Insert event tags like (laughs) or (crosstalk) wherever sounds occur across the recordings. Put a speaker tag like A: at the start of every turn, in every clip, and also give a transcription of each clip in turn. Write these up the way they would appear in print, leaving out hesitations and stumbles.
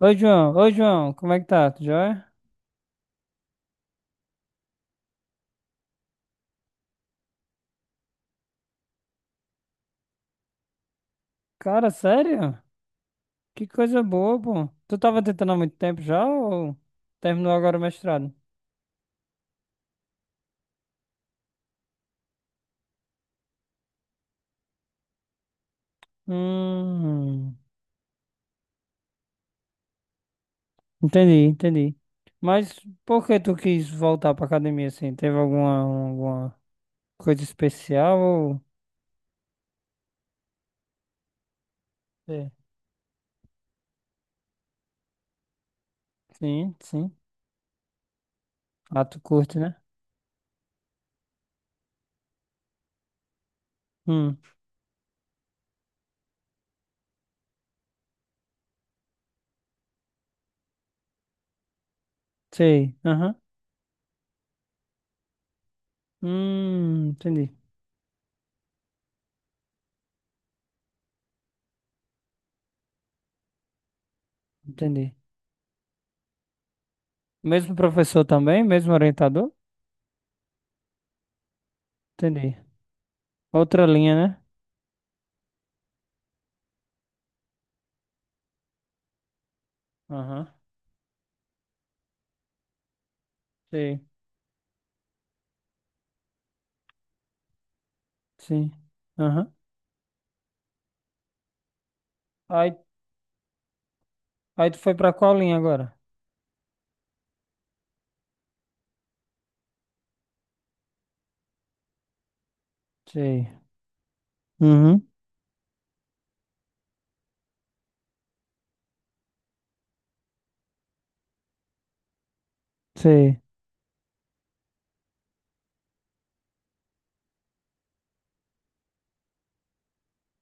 A: Oi, João. Oi, João. Como é que tá? Tu joia? Cara, sério? Que coisa boa, pô. Tu tava tentando há muito tempo já ou terminou agora o mestrado? Hum, entendi, entendi. Mas por que tu quis voltar pra academia assim? Teve alguma coisa especial ou... É. Sim, sim. Ah, tu curte, né? Hum, sei. Aham. Entendi, entendi. Mesmo professor também? Mesmo orientador? Entendi. Outra linha, né? Aham. Sei, sim. Aham. Aí, aí tu foi pra qual linha agora? Sei. Uhum. Sei.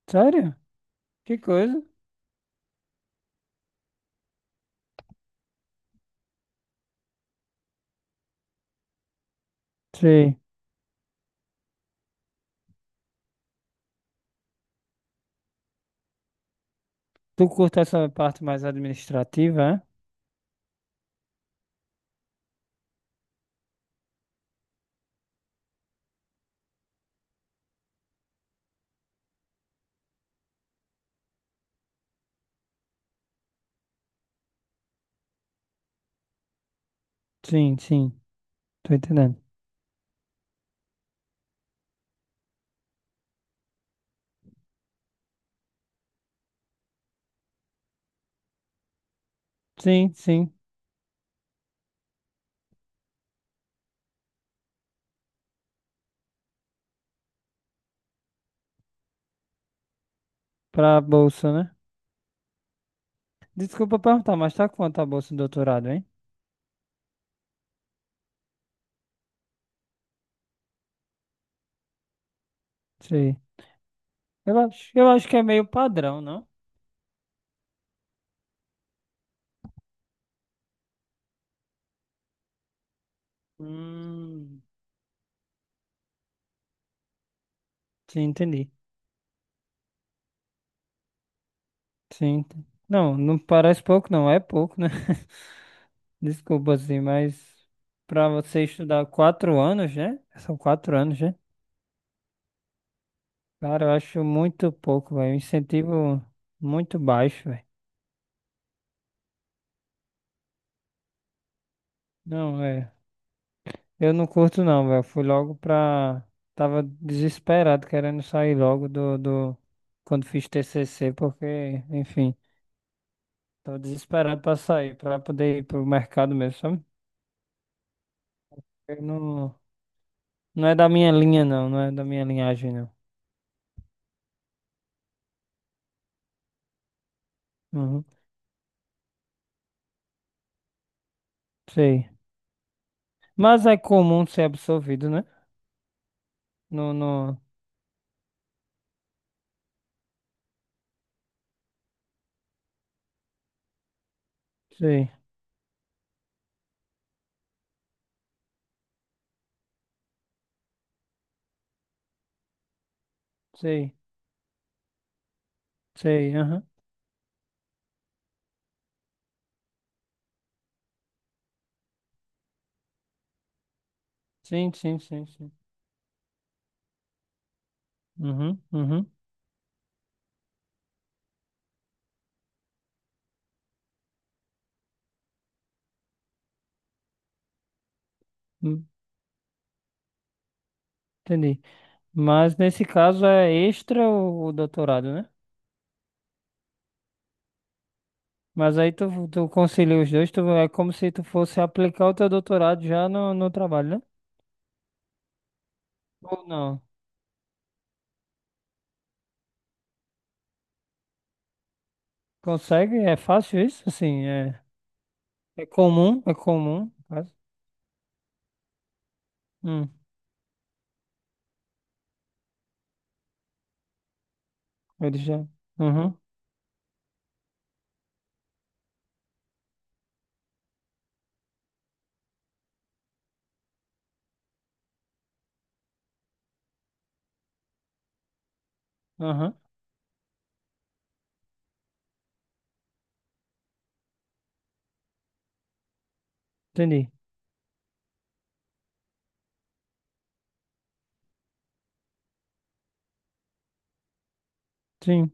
A: Sério? Que coisa? Sei. Tu curta essa parte mais administrativa, é? Sim, sim. Tô entendendo. Sim, sim. Pra bolsa, né? Desculpa perguntar, mas tá quanto a bolsa de doutorado, hein? Sei. Eu acho que é meio padrão, não? Hum. Sim, entendi. Sim. ent- Não, não parece pouco, não. É pouco, né? (laughs) Desculpa, assim, mas pra você estudar quatro anos, né? São quatro anos, né? Cara, eu acho muito pouco, velho. Incentivo muito baixo, velho. Não, é. Eu não curto, não, velho. Fui logo pra. Tava desesperado, querendo sair logo do, do. Quando fiz TCC, porque, enfim, tava desesperado pra sair, pra poder ir pro mercado mesmo, sabe? Eu não... Não é da minha linha, não. Não é da minha linhagem, não. Uhum, sei. Mas é comum ser absorvido, né? No, no. Sei, sei, sei. Aham. Sim, sim, sim, sim. Uhum, uhum. Hum, entendi. Mas nesse caso é extra o doutorado, né? Mas aí tu, tu concilia os dois, tu, é como se tu fosse aplicar o teu doutorado já no, no trabalho, né? Ou não? Consegue? É fácil isso? Assim, é, é comum, é comum. No caso hum, ele já. Uhum, aham. Entendi. Sim,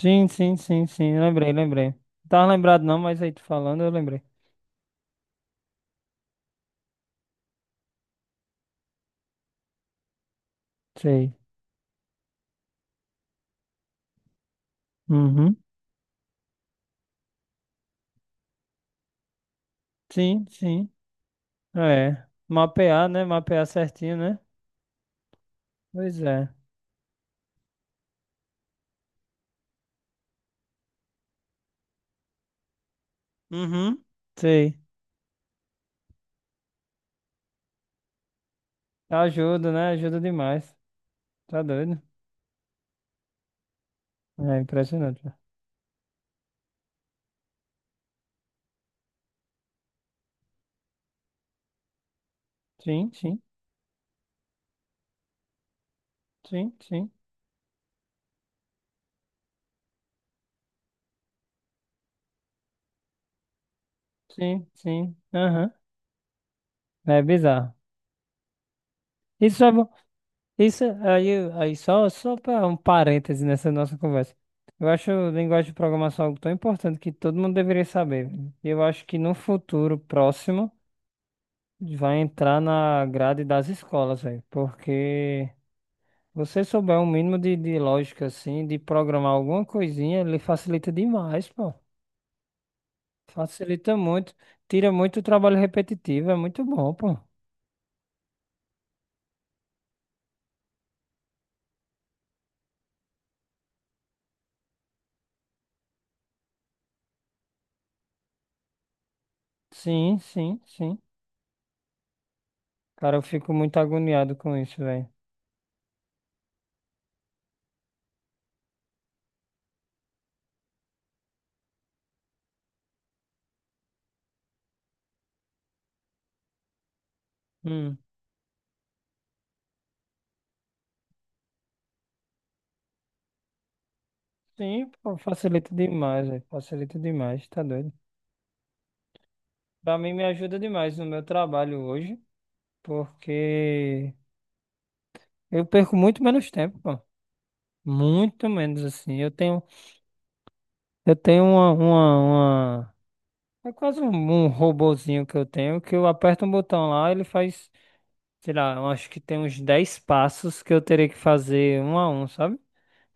A: sim, sim, sim, sim. Lembrei, lembrei. Não tava lembrado não, mas aí tu falando, eu lembrei. Sei. Uhum. Sim, sim. É. Mapear, né? Mapear certinho, né? Pois é. Uhum. Sei. Ajuda, né? Ajuda demais. Tá doido? É impressionante, né? Sim, sim, sim, sim, sim, sim. Aham. É bizarro. Isso é bom. Isso aí, só para um parêntese nessa nossa conversa. Eu acho a linguagem de programação algo tão importante que todo mundo deveria saber, velho. Eu acho que no futuro próximo. Vai entrar na grade das escolas, velho. Porque você souber um mínimo de lógica, assim, de programar alguma coisinha, ele facilita demais, pô. Facilita muito. Tira muito o trabalho repetitivo. É muito bom, pô. Sim, sim, sim. Cara, eu fico muito agoniado com isso, velho. Hum. Sim, pô, facilita demais, velho. Facilita demais, tá doido. Pra mim, me ajuda demais no meu trabalho hoje, porque eu perco muito menos tempo, pô. Muito menos assim. Eu tenho uma... É quase um, um robozinho que eu tenho, que eu aperto um botão lá, ele faz, sei lá, eu acho que tem uns 10 passos que eu terei que fazer um a um, sabe?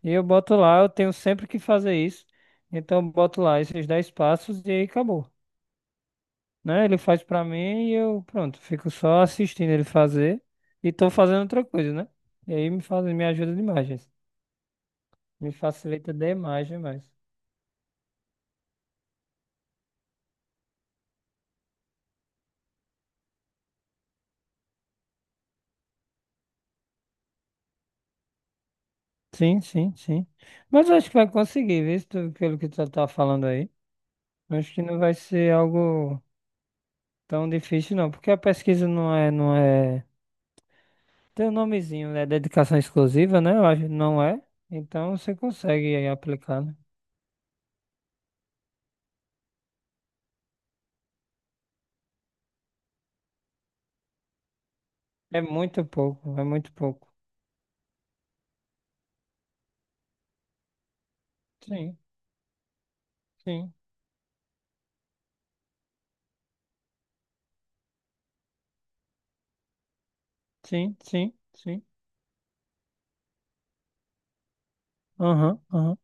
A: E eu boto lá, eu tenho sempre que fazer isso. Então eu boto lá esses 10 passos e aí acabou, né? Ele faz pra mim e eu, pronto, fico só assistindo ele fazer e tô fazendo outra coisa, né? E aí me faz, me ajuda demais, gente. Me facilita demais, demais. Sim, sim, sim. Mas acho que vai conseguir, viu? Se tu- Pelo que tu tá falando aí. Acho que não vai ser algo tão difícil, não. Porque a pesquisa não é, não é. Tem um nomezinho, né? Dedicação exclusiva, né? Eu acho não é. Então você consegue aí aplicar, né? É muito pouco, é muito pouco. Sim, sim, sim, sim, sim. Aham, aham.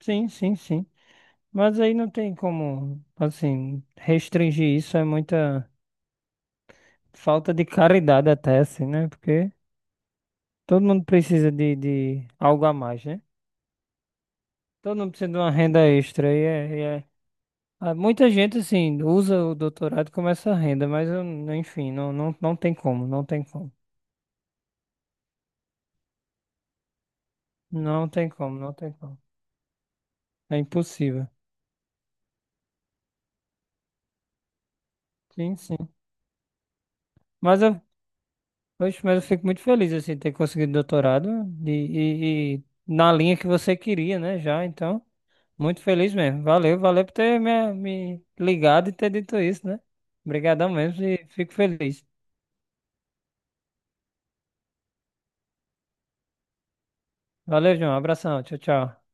A: Sim, sim, sim. Mas aí não tem como, assim, restringir isso. É muita falta de caridade até, assim, né? Porque. Todo mundo precisa de algo a mais, né? Todo mundo precisa de uma renda extra. Muita gente, assim, usa o doutorado como essa renda, mas, enfim, não, não, não tem como, não tem como. Não tem como, não tem como. É impossível. Sim, sim. Mas eu, oxe, mas eu fico muito feliz, assim, de ter conseguido e na linha que você queria, né, já. Então, muito feliz mesmo. Valeu, valeu por ter me, me ligado e ter dito isso, né? Obrigadão mesmo e fico feliz. Valeu, João. Abração. Tchau, tchau.